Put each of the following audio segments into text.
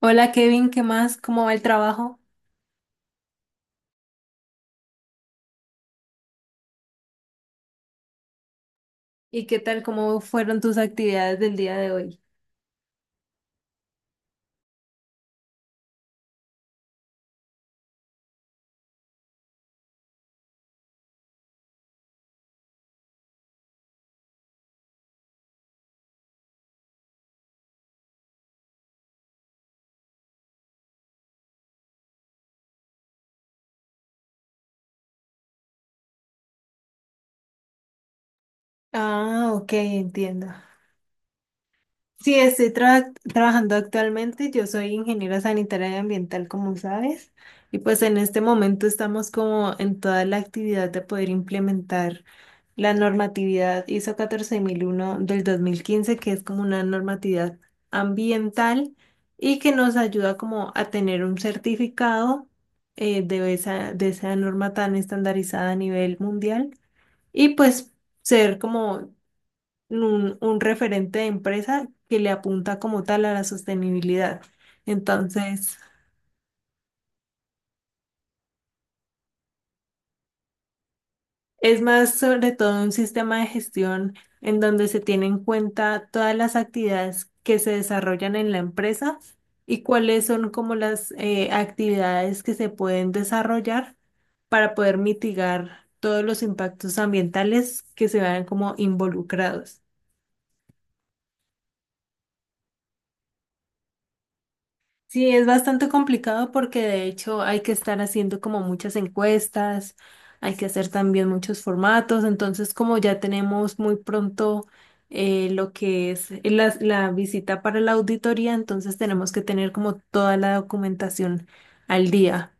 Hola Kevin, ¿qué más? ¿Cómo va el trabajo? ¿Y qué tal? ¿Cómo fueron tus actividades del día de hoy? Ah, ok, entiendo. Sí, estoy trabajando actualmente. Yo soy ingeniera sanitaria y ambiental, como sabes. Y pues en este momento estamos como en toda la actividad de poder implementar la normatividad ISO 14001 del 2015, que es como una normatividad ambiental y que nos ayuda como a tener un certificado, de esa norma tan estandarizada a nivel mundial, y pues ser como un referente de empresa que le apunta como tal a la sostenibilidad. Entonces, es más sobre todo un sistema de gestión en donde se tiene en cuenta todas las actividades que se desarrollan en la empresa, y cuáles son como las actividades que se pueden desarrollar para poder mitigar todos los impactos ambientales que se vean como involucrados. Sí, es bastante complicado porque de hecho hay que estar haciendo como muchas encuestas, hay que hacer también muchos formatos, entonces como ya tenemos muy pronto lo que es la, la visita para la auditoría, entonces tenemos que tener como toda la documentación al día.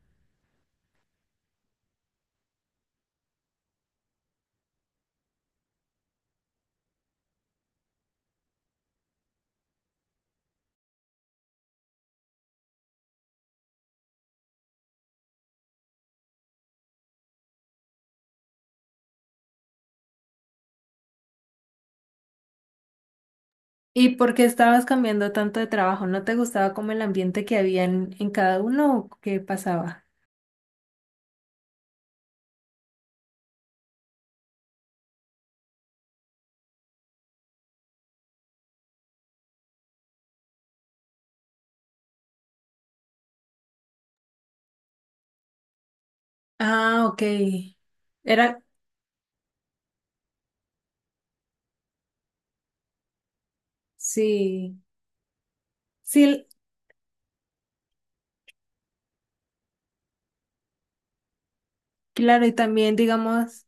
¿Y por qué estabas cambiando tanto de trabajo? ¿No te gustaba como el ambiente que había en cada uno o qué pasaba? Ah, ok. Era, sí, sí, claro, y también digamos...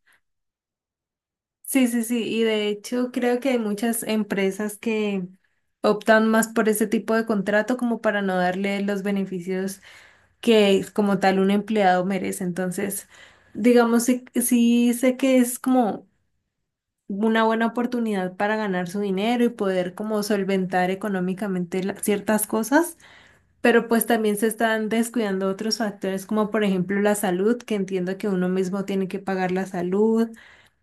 Sí, sí, sí, y de hecho creo que hay muchas empresas que optan más por ese tipo de contrato como para no darle los beneficios que como tal un empleado merece. Entonces, digamos, sí, sí sé que es como una buena oportunidad para ganar su dinero y poder como solventar económicamente ciertas cosas, pero pues también se están descuidando otros factores, como por ejemplo la salud, que entiendo que uno mismo tiene que pagar la salud,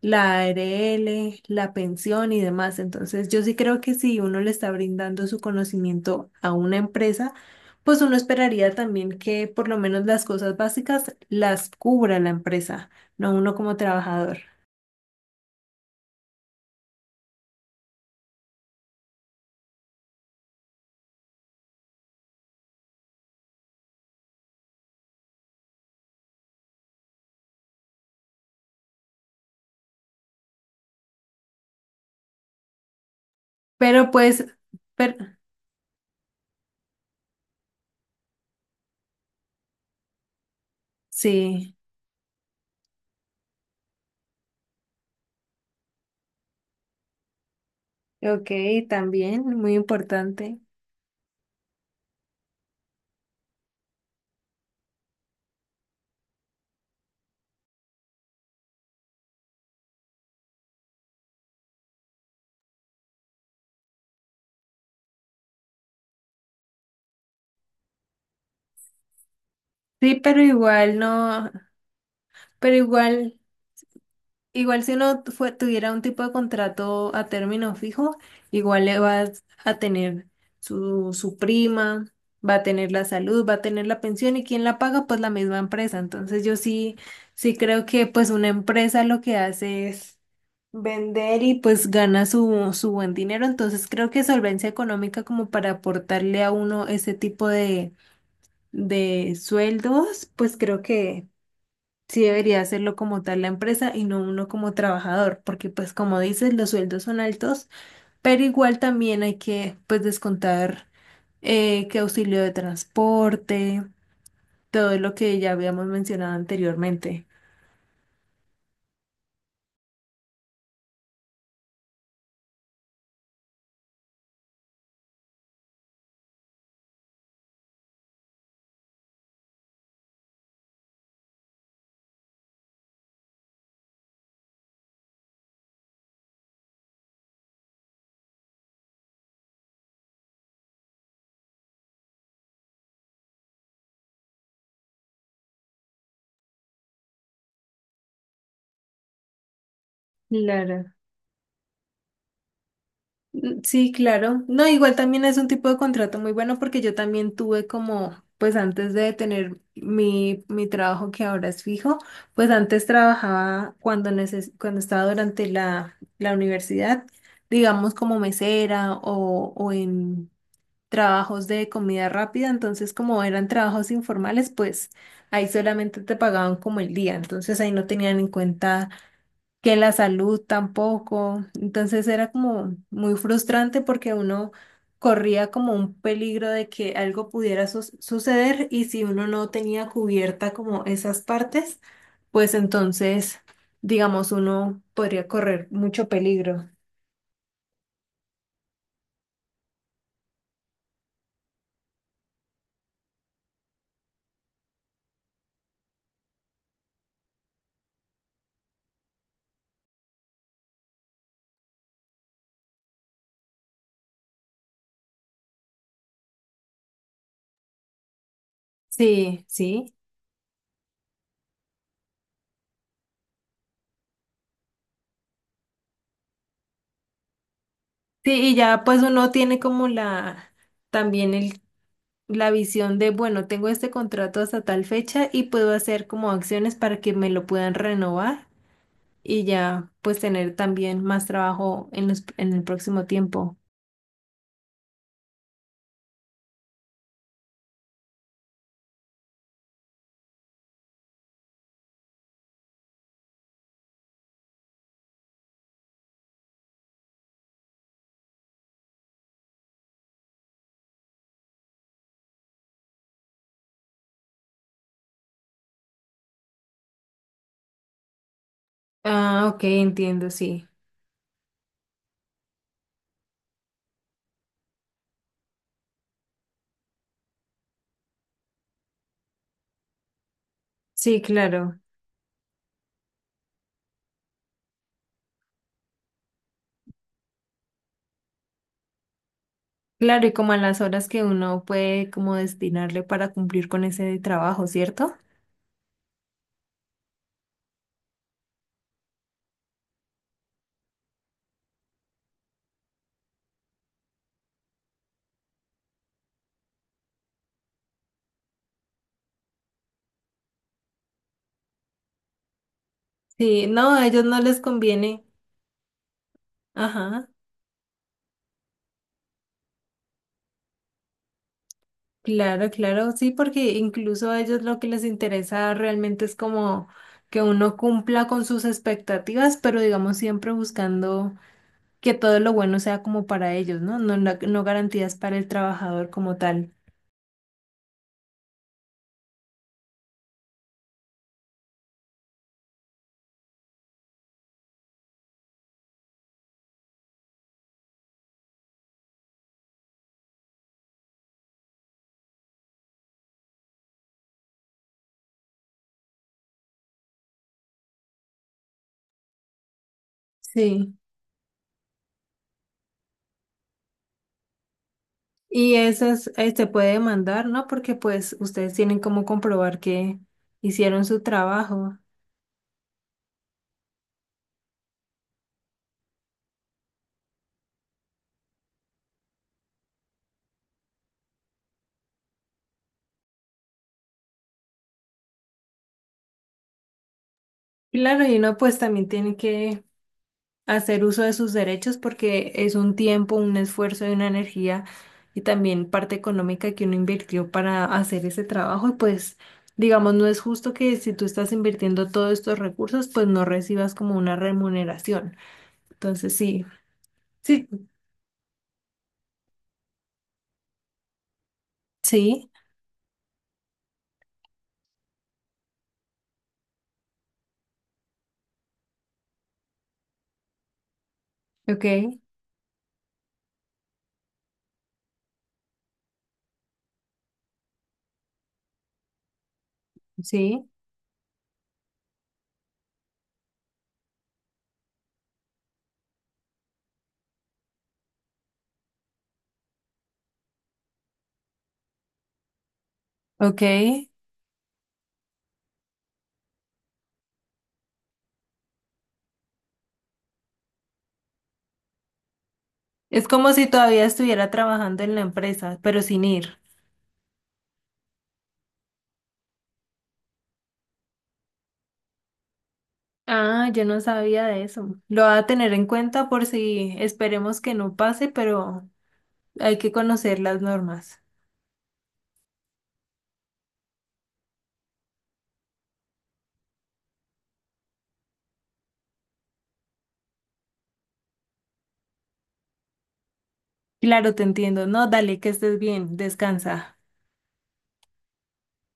la ARL, la pensión y demás. Entonces, yo sí creo que si uno le está brindando su conocimiento a una empresa, pues uno esperaría también que por lo menos las cosas básicas las cubra la empresa, no uno como trabajador. Pero pues, per- sí, ok, también, muy importante. Sí, pero igual no, pero igual. Igual si uno tuviera un tipo de contrato a término fijo, igual le vas a tener su, su prima, va a tener la salud, va a tener la pensión y quién la paga, pues la misma empresa. Entonces yo sí, sí creo que pues una empresa lo que hace es vender y pues gana su, su buen dinero. Entonces creo que solvencia económica como para aportarle a uno ese tipo de sueldos, pues creo que sí debería hacerlo como tal la empresa y no uno como trabajador, porque pues como dices, los sueldos son altos, pero igual también hay que pues descontar que auxilio de transporte, todo lo que ya habíamos mencionado anteriormente. Claro. Mm, sí, claro. No, igual también es un tipo de contrato muy bueno porque yo también tuve como, pues antes de tener mi, mi trabajo que ahora es fijo, pues antes trabajaba cuando neces cuando estaba durante la, la universidad, digamos como mesera o en trabajos de comida rápida, entonces como eran trabajos informales, pues ahí solamente te pagaban como el día, entonces ahí no tenían en cuenta que la salud tampoco. Entonces era como muy frustrante porque uno corría como un peligro de que algo pudiera suceder y si uno no tenía cubierta como esas partes, pues entonces, digamos, uno podría correr mucho peligro. Sí, sí. Sí, y ya pues uno tiene como la, también el, la visión de, bueno, tengo este contrato hasta tal fecha y puedo hacer como acciones para que me lo puedan renovar, y ya pues tener también más trabajo en los, en el próximo tiempo. Ah, ok, entiendo, sí. Sí, claro. Claro, y como a las horas que uno puede como destinarle para cumplir con ese trabajo, ¿cierto? Sí, no, a ellos no les conviene. Ajá, claro, claro, sí, porque incluso a ellos lo que les interesa realmente es como que uno cumpla con sus expectativas, pero digamos siempre buscando que todo lo bueno sea como para ellos, ¿no? No, no, no garantías para el trabajador como tal. Sí. Y esas, se puede demandar, ¿no? Porque pues ustedes tienen como comprobar que hicieron su trabajo. Claro, y uno pues también tiene que hacer uso de sus derechos porque es un tiempo, un esfuerzo y una energía y también parte económica que uno invirtió para hacer ese trabajo y pues digamos no es justo que si tú estás invirtiendo todos estos recursos pues no recibas como una remuneración. Entonces sí, sí, sí, ok, sí, ok. Es como si todavía estuviera trabajando en la empresa, pero sin ir. Ah, yo no sabía de eso. Lo voy a tener en cuenta por si esperemos que no pase, pero hay que conocer las normas. Claro, te entiendo. No, dale, que estés bien, descansa.